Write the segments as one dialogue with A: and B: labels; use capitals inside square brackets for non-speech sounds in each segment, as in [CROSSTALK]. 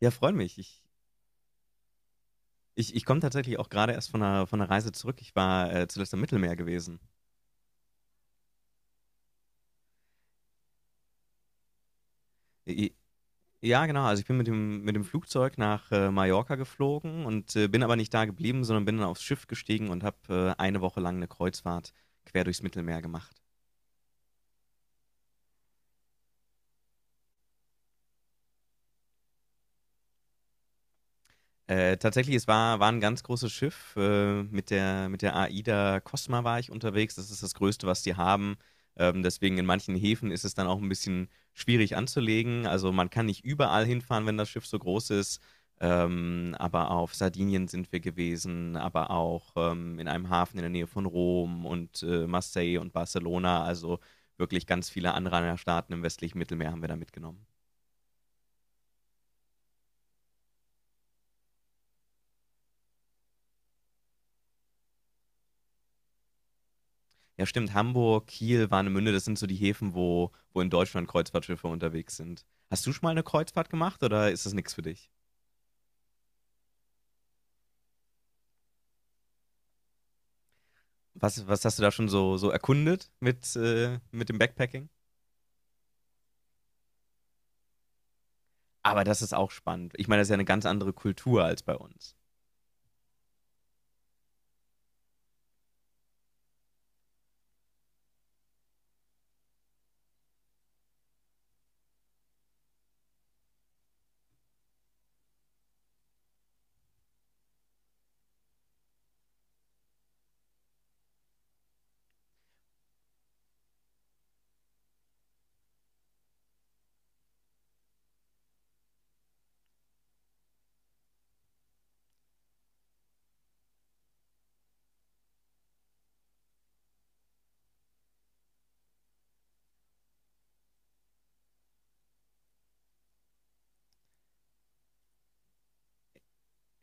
A: Ja, freut mich. Ich komme tatsächlich auch gerade erst von einer Reise zurück. Ich war zuletzt im Mittelmeer gewesen. I- Ja, genau. Also ich bin mit dem Flugzeug nach Mallorca geflogen und bin aber nicht da geblieben, sondern bin dann aufs Schiff gestiegen und habe eine Woche lang eine Kreuzfahrt quer durchs Mittelmeer gemacht. Tatsächlich, es war ein ganz großes Schiff. Mit der AIDA Cosma war ich unterwegs. Das ist das Größte, was die haben. Deswegen in manchen Häfen ist es dann auch ein bisschen schwierig anzulegen. Also man kann nicht überall hinfahren, wenn das Schiff so groß ist. Aber auf Sardinien sind wir gewesen, aber auch in einem Hafen in der Nähe von Rom und Marseille und Barcelona. Also wirklich ganz viele Anrainerstaaten im westlichen Mittelmeer haben wir da mitgenommen. Ja, stimmt. Hamburg, Kiel, Warnemünde, das sind so die Häfen, wo in Deutschland Kreuzfahrtschiffe unterwegs sind. Hast du schon mal eine Kreuzfahrt gemacht oder ist das nichts für dich? Was, was hast du da schon so erkundet mit dem Backpacking? Aber das ist auch spannend. Ich meine, das ist ja eine ganz andere Kultur als bei uns.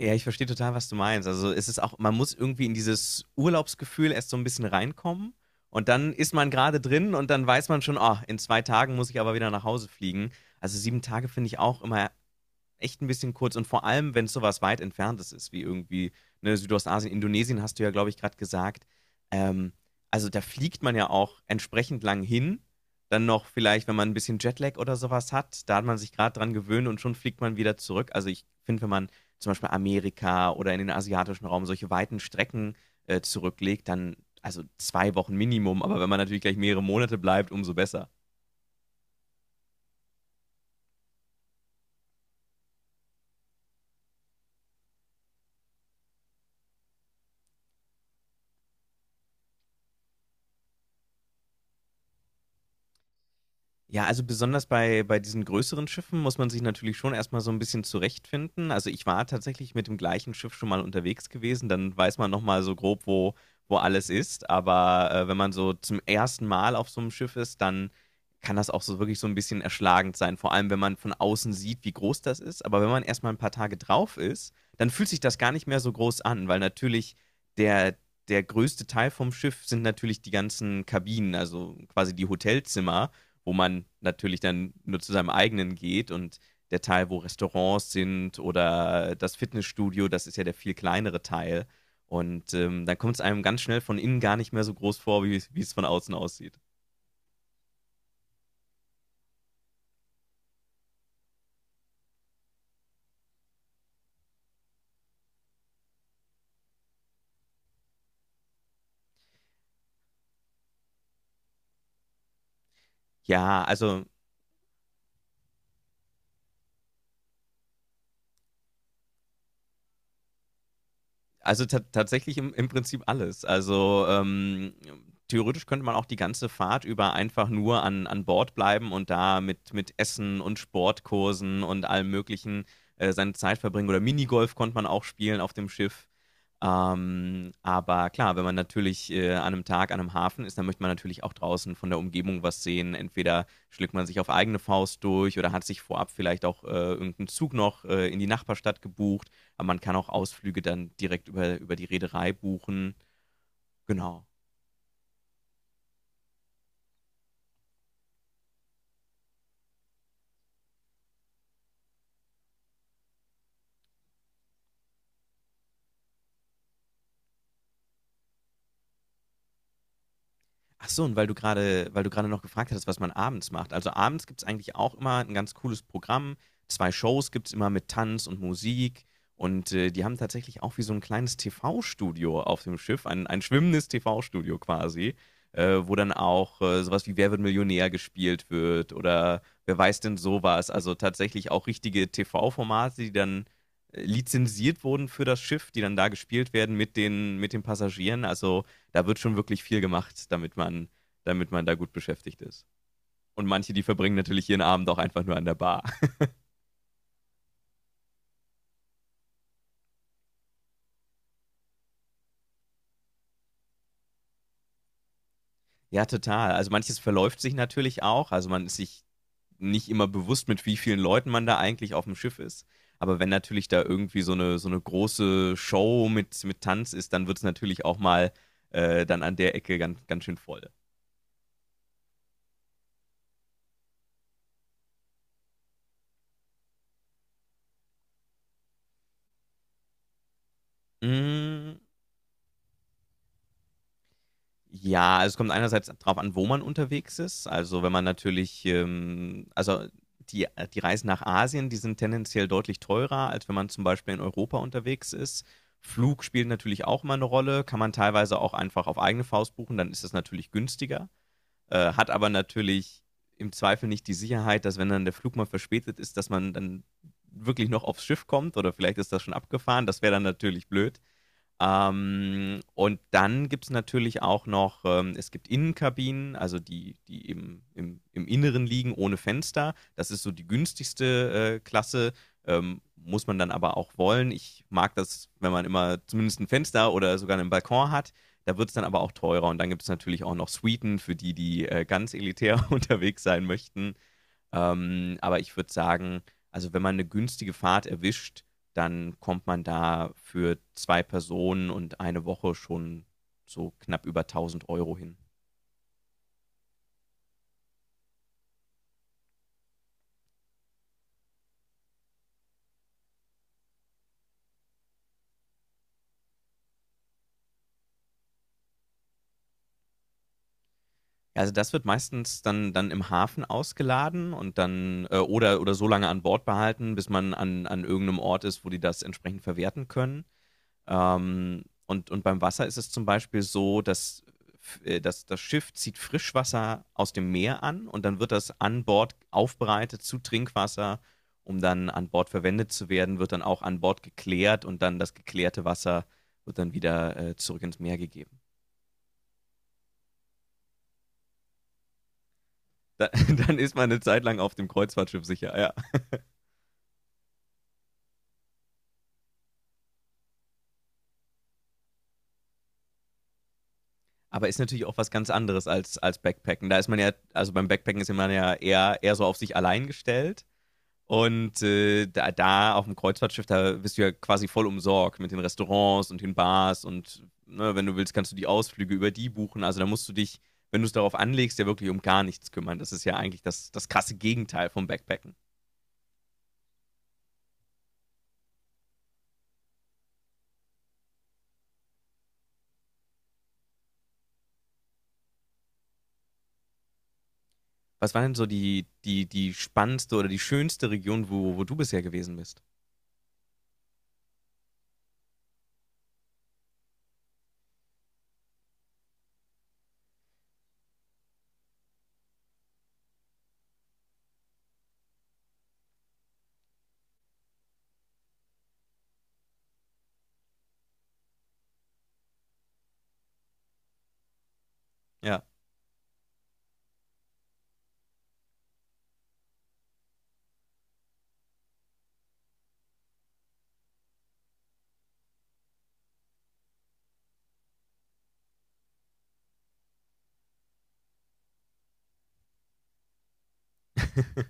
A: Ja, ich verstehe total, was du meinst. Also es ist auch, man muss irgendwie in dieses Urlaubsgefühl erst so ein bisschen reinkommen und dann ist man gerade drin und dann weiß man schon, oh, in zwei Tagen muss ich aber wieder nach Hause fliegen. Also sieben Tage finde ich auch immer echt ein bisschen kurz. Und vor allem, wenn es sowas weit entferntes ist, wie irgendwie ne, Südostasien, Indonesien, hast du ja, glaube ich, gerade gesagt. Ähm, also da fliegt man ja auch entsprechend lang hin. Dann noch vielleicht, wenn man ein bisschen Jetlag oder sowas hat, da hat man sich gerade dran gewöhnt und schon fliegt man wieder zurück. Also ich finde, wenn man zum Beispiel Amerika oder in den asiatischen Raum solche weiten Strecken zurücklegt, dann also zwei Wochen Minimum. Aber wenn man natürlich gleich mehrere Monate bleibt, umso besser. Ja, also besonders bei diesen größeren Schiffen muss man sich natürlich schon erstmal so ein bisschen zurechtfinden. Also ich war tatsächlich mit dem gleichen Schiff schon mal unterwegs gewesen, dann weiß man nochmal so grob, wo alles ist. Aber wenn man so zum ersten Mal auf so einem Schiff ist, dann kann das auch so wirklich so ein bisschen erschlagend sein. Vor allem, wenn man von außen sieht, wie groß das ist. Aber wenn man erstmal ein paar Tage drauf ist, dann fühlt sich das gar nicht mehr so groß an, weil natürlich der, der größte Teil vom Schiff sind natürlich die ganzen Kabinen, also quasi die Hotelzimmer, wo man natürlich dann nur zu seinem eigenen geht, und der Teil, wo Restaurants sind oder das Fitnessstudio, das ist ja der viel kleinere Teil. Und dann kommt es einem ganz schnell von innen gar nicht mehr so groß vor, wie es von außen aussieht. Ja, also tatsächlich im Prinzip alles. Also theoretisch könnte man auch die ganze Fahrt über einfach nur an Bord bleiben und da mit Essen und Sportkursen und allem Möglichen seine Zeit verbringen. Oder Minigolf konnte man auch spielen auf dem Schiff. Aber klar, wenn man natürlich an einem Tag an einem Hafen ist, dann möchte man natürlich auch draußen von der Umgebung was sehen. Entweder schlägt man sich auf eigene Faust durch oder hat sich vorab vielleicht auch irgend Zug noch in die Nachbarstadt gebucht. Aber man kann auch Ausflüge dann direkt über die Reederei buchen. Genau. Ach so, und weil du gerade noch gefragt hattest, was man abends macht. Also abends gibt es eigentlich auch immer ein ganz cooles Programm. Zwei Shows gibt es immer mit Tanz und Musik. Und die haben tatsächlich auch wie so ein kleines TV-Studio auf dem Schiff, ein schwimmendes TV-Studio quasi, wo dann auch sowas wie Wer wird Millionär gespielt wird oder wer weiß denn sowas. Also tatsächlich auch richtige TV-Formate, die dann lizenziert wurden für das Schiff, die dann da gespielt werden mit den Passagieren. Also da wird schon wirklich viel gemacht, damit man da gut beschäftigt ist. Und manche, die verbringen natürlich ihren Abend auch einfach nur an der Bar. [LAUGHS] Ja, total. Also manches verläuft sich natürlich auch. Also man ist sich nicht immer bewusst, mit wie vielen Leuten man da eigentlich auf dem Schiff ist. Aber wenn natürlich da irgendwie so eine große Show mit Tanz ist, dann wird es natürlich auch mal dann an der Ecke ganz, ganz schön voll. Mm, Ja, also es kommt einerseits darauf an, wo man unterwegs ist. Also, wenn man natürlich, also die die Reisen nach Asien, die sind tendenziell deutlich teurer, als wenn man zum Beispiel in Europa unterwegs ist. Flug spielt natürlich auch immer eine Rolle, kann man teilweise auch einfach auf eigene Faust buchen, dann ist das natürlich günstiger, hat aber natürlich im Zweifel nicht die Sicherheit, dass, wenn dann der Flug mal verspätet ist, dass man dann wirklich noch aufs Schiff kommt oder vielleicht ist das schon abgefahren. Das wäre dann natürlich blöd. Und dann gibt es natürlich auch noch, es gibt Innenkabinen, also die, die eben im Inneren liegen, ohne Fenster. Das ist so die günstigste Klasse. Muss man dann aber auch wollen. Ich mag das, wenn man immer zumindest ein Fenster oder sogar einen Balkon hat. Da wird es dann aber auch teurer. Und dann gibt es natürlich auch noch Suiten für die, die ganz elitär [LAUGHS] unterwegs sein möchten. Aber ich würde sagen, also wenn man eine günstige Fahrt erwischt, dann kommt man da für zwei Personen und eine Woche schon so knapp über 1000 Euro hin. Also das wird meistens dann im Hafen ausgeladen und dann oder so lange an Bord behalten, bis man an irgendeinem Ort ist, wo die das entsprechend verwerten können. Und beim Wasser ist es zum Beispiel so, dass das Schiff zieht Frischwasser aus dem Meer an und dann wird das an Bord aufbereitet zu Trinkwasser, um dann an Bord verwendet zu werden, wird dann auch an Bord geklärt und dann das geklärte Wasser wird dann wieder zurück ins Meer gegeben. [LAUGHS] Dann ist man eine Zeit lang auf dem Kreuzfahrtschiff sicher, ja. Aber ist natürlich auch was ganz anderes als, Backpacken. Da ist man ja, also beim Backpacken ist man ja eher so auf sich allein gestellt. Und da auf dem Kreuzfahrtschiff, da bist du ja quasi voll umsorgt mit den Restaurants und den Bars und, ne, wenn du willst, kannst du die Ausflüge über die buchen. Also da musst du dich, wenn du es darauf anlegst, ja wirklich um gar nichts kümmern. Das ist ja eigentlich das, das krasse Gegenteil vom Backpacken. Was war denn so die, die, die spannendste oder die schönste Region, wo du bisher gewesen bist? Ja. [LAUGHS]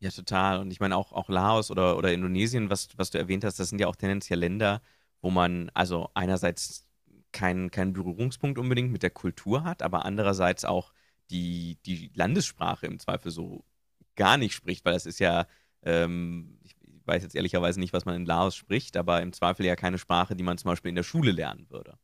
A: Ja, total. Und ich meine auch Laos oder Indonesien, was, was du erwähnt hast, das sind ja auch tendenziell Länder, wo man also einerseits keinen Berührungspunkt unbedingt mit der Kultur hat, aber andererseits auch die, die Landessprache im Zweifel so gar nicht spricht, weil das ist ja, ich weiß jetzt ehrlicherweise nicht, was man in Laos spricht, aber im Zweifel ja keine Sprache, die man zum Beispiel in der Schule lernen würde.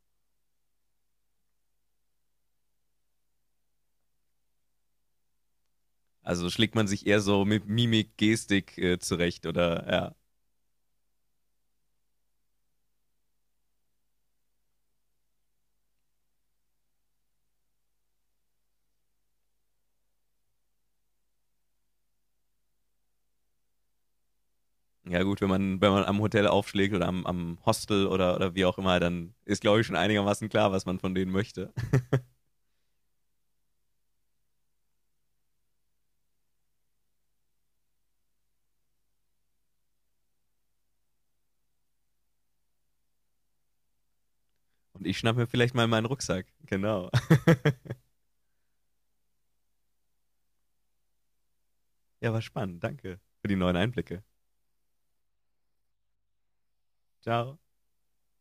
A: Also schlägt man sich eher so mit Mimik, Gestik zurecht, oder ja. Ja gut, wenn man am Hotel aufschlägt oder am Hostel oder wie auch immer, dann ist, glaube ich, schon einigermaßen klar, was man von denen möchte. Und ich schnapp mir vielleicht mal meinen Rucksack. Genau. [LAUGHS] Ja, war spannend. Danke für die neuen Einblicke. Ciao.